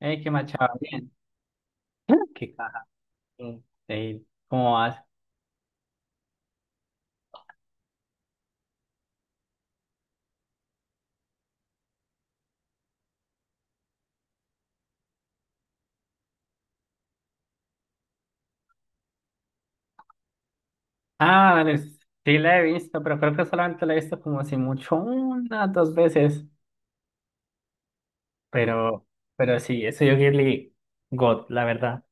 Qué machado, bien. Qué caja. Bien. Ey, ¿cómo vas? Ah, dale, sí, la he visto, pero creo que solamente la he visto como si mucho unas dos veces. Pero, pero sí, Estudio Ghibli, God, la verdad.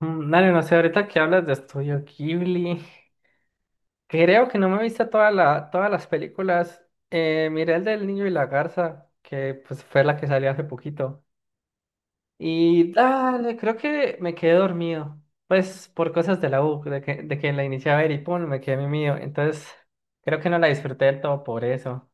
Mm, dale, no sé, ahorita que hablas de Estudio Ghibli, creo que no me he visto todas las películas. Miré el del niño y la garza, que pues fue la que salió hace poquito. Y dale, creo que me quedé dormido. Pues por cosas de la U, de que la inicié a ver y pum, me quedé mío. Entonces, creo que no la disfruté del todo por eso.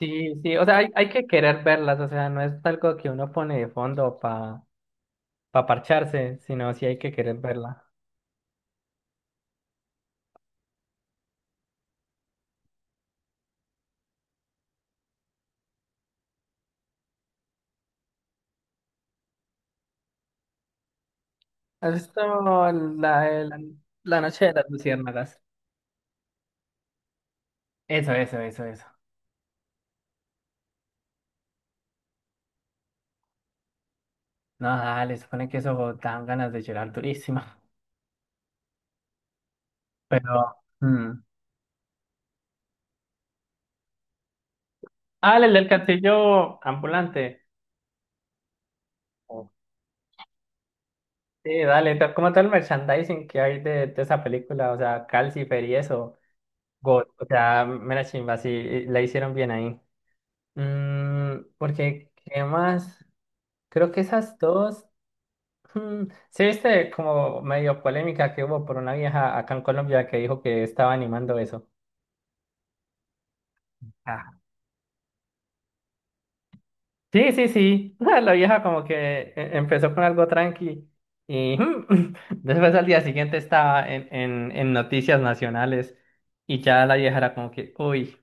Sí, sí, o sea, hay que querer verlas, o sea, no es algo que uno pone de fondo para parcharse, sino sí hay que querer verla. ¿Has visto la, de la, la noche de las luciérnagas? Eso, eso, eso, eso. No, dale, supone que eso dan ganas de llorar durísima. Pero, mm. Ah, el del castillo ambulante. Sí, dale, como todo el merchandising que hay de esa película, o sea, Calcifer y eso, God, o sea, mera chimba, sí, la hicieron bien ahí. Porque, ¿qué más? Creo que esas dos, mm, sí, viste como medio polémica que hubo por una vieja acá en Colombia que dijo que estaba animando eso. Sí, sí, sí. La vieja como que empezó con algo tranqui y después al día siguiente estaba en noticias nacionales y ya la vieja era como que, uy,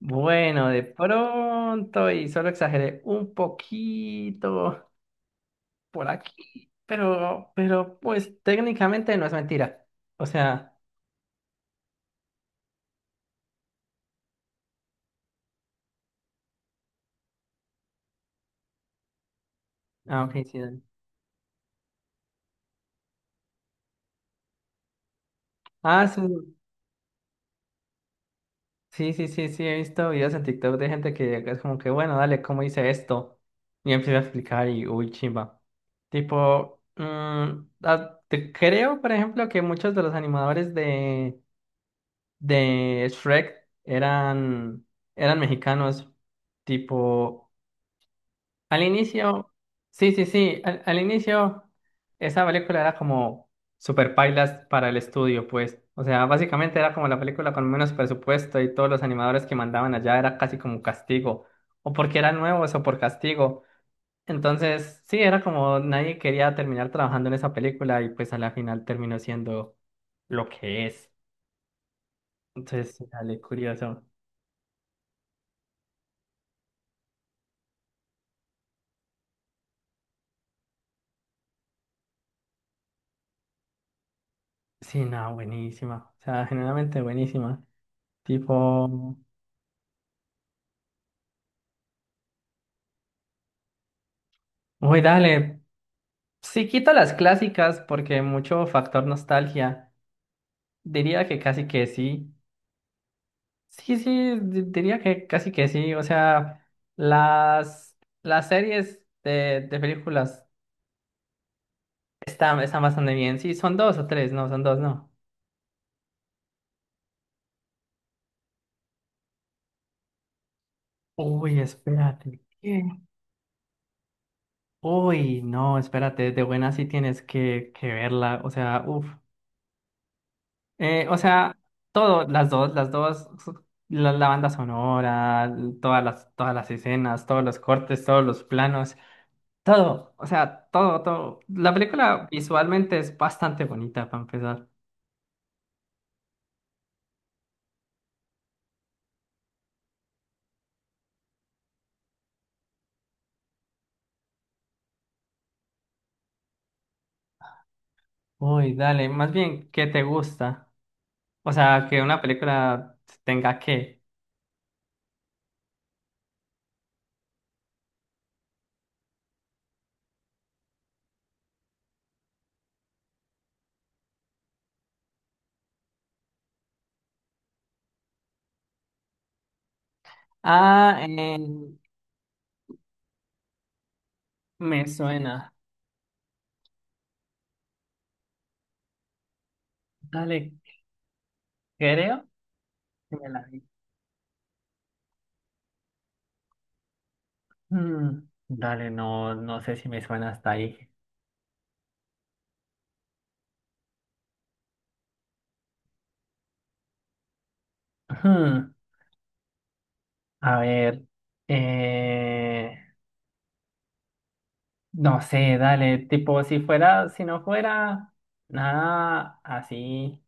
bueno, de pronto y solo exageré un poquito por aquí, pero pues técnicamente no es mentira. O sea, ah, ok, sí, dale. Ah, sí. Sí, sí, sí, sí, he visto videos en TikTok de gente que es como que, bueno, dale, ¿cómo hice esto? Y empieza a explicar y, uy, chimba. Tipo, mm, creo, por ejemplo, que muchos de los animadores de Shrek eran, eran mexicanos. Tipo, al inicio, sí, sí, sí, al inicio esa película era como super pailas para el estudio, pues. O sea, básicamente era como la película con menos presupuesto y todos los animadores que mandaban allá era casi como un castigo, o porque eran nuevos o por castigo. Entonces, sí, era como nadie quería terminar trabajando en esa película y pues a la final terminó siendo lo que es. Entonces, sí, dale, curioso. Sí, no, buenísima. O sea, generalmente buenísima. Tipo, uy, dale. Si quito las clásicas porque mucho factor nostalgia, diría que casi que sí. Sí, sí, diría que casi que sí. O sea, las series de películas están, están bastante bien. Sí, son dos o tres, no, son dos, no. Uy, espérate. ¿Qué? Uy, no, espérate, de buena sí tienes que verla. O sea, uff. O sea, todo, las dos, la banda sonora, todas las escenas, todos los cortes, todos los planos, todo, o sea, todo, todo. La película visualmente es bastante bonita para empezar. Uy, dale, más bien, ¿qué te gusta? O sea, que una película tenga que. Ah, eh, Me suena. Dale, creo que me la vi. Hmm, dale, no sé si me suena hasta ahí. Hmm. A ver, eh, no sé, dale, tipo, si no fuera nada así.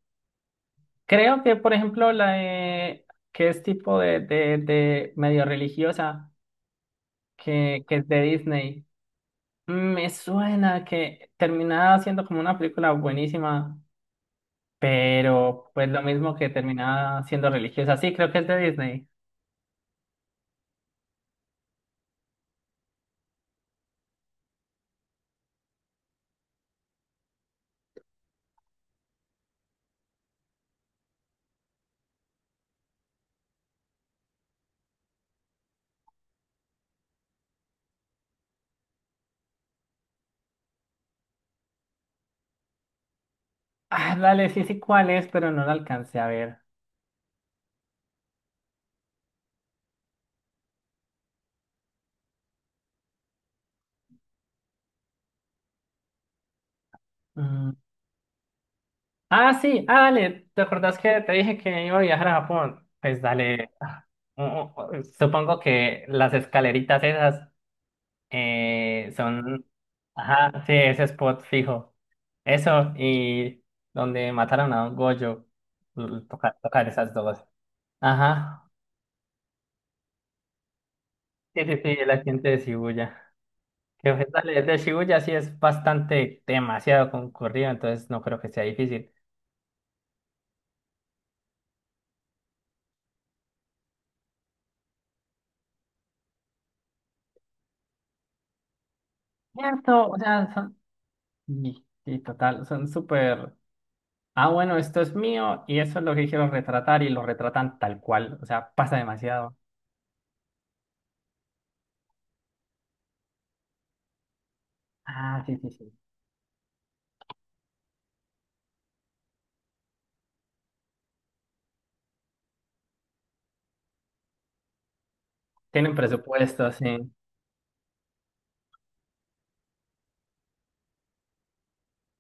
Creo que, por ejemplo, que es tipo de medio religiosa, que es de Disney. Mm, me suena que terminaba siendo como una película buenísima, pero pues lo mismo que terminaba siendo religiosa. Sí, creo que es de Disney. Ah, dale, sí, sí, cuál es, pero no la alcancé a ver. Ah, sí, ah, dale, ¿te acordás que te dije que iba a viajar a Japón? Pues dale, ah, supongo que las escaleritas esas son, ajá, sí, ese spot fijo. Eso, y donde mataron a un Gojo, tocar, tocar esas dos. Ajá, sí, sí, sí, el accidente de Shibuya. Que pues dale, el de Shibuya sí es bastante, demasiado concurrido, entonces no creo que sea difícil. Cierto, o sea, son... Y, y total, son súper... ah, bueno, esto es mío y eso es lo que quiero retratar y lo retratan tal cual. O sea, pasa demasiado. Ah, sí, sí, sí. Tienen presupuesto, sí.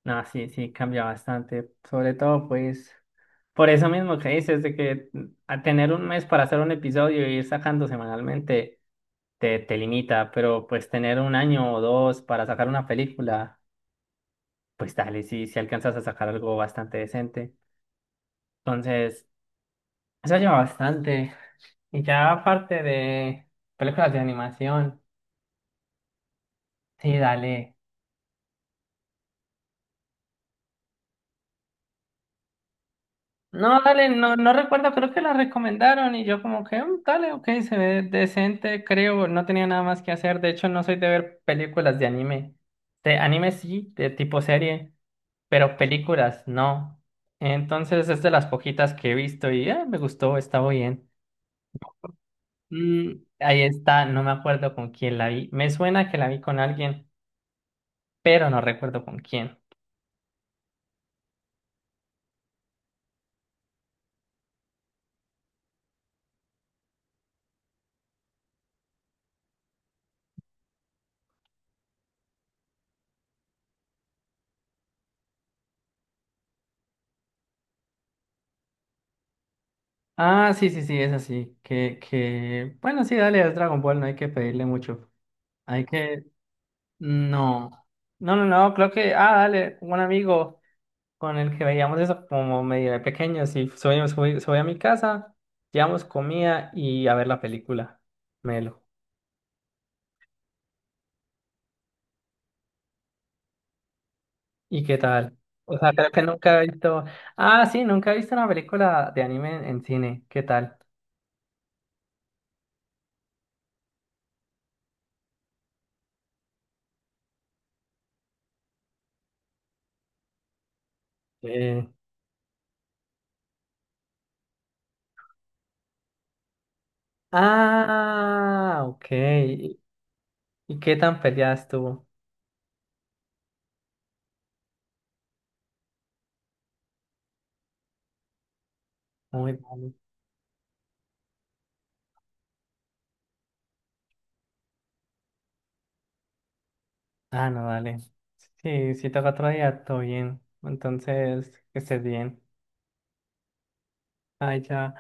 No, sí, sí, cambia bastante. Sobre todo, pues, por eso mismo que dices, de que mm, a tener un mes para hacer un episodio y ir sacando semanalmente te limita, pero pues tener un año o dos para sacar una película, pues dale, sí, si alcanzas a sacar algo bastante decente. Entonces, eso lleva bastante. Y ya aparte de películas de animación, sí, dale. No, dale, no recuerdo, creo que la recomendaron y yo como que, "Mm, dale, ok, se ve decente, creo, no tenía nada más que hacer. De hecho, no soy de ver películas de anime. De anime sí, de tipo serie, pero películas no. Entonces es de las poquitas que he visto y me gustó, estaba bien. Mm, ahí está, no me acuerdo con quién la vi. Me suena que la vi con alguien, pero no recuerdo con quién. Ah, sí, sí, sí, es así. Que, bueno, sí, dale, es Dragon Ball, no hay que pedirle mucho. Hay que, no. No, no, no, creo que, ah, dale, un amigo con el que veíamos eso como medio de pequeños y soy, subí a mi casa, llevamos comida y a ver la película. Melo. ¿Y qué tal? O sea, creo que nunca he visto, ah, sí, nunca he visto una película de anime en cine. ¿Qué tal? Eh, Ah, ok. Y qué tan peleada estuvo? Muy mal. Ah, no, dale. Sí, si toca otro día, todo bien. Entonces, que estés bien. Ay, ya.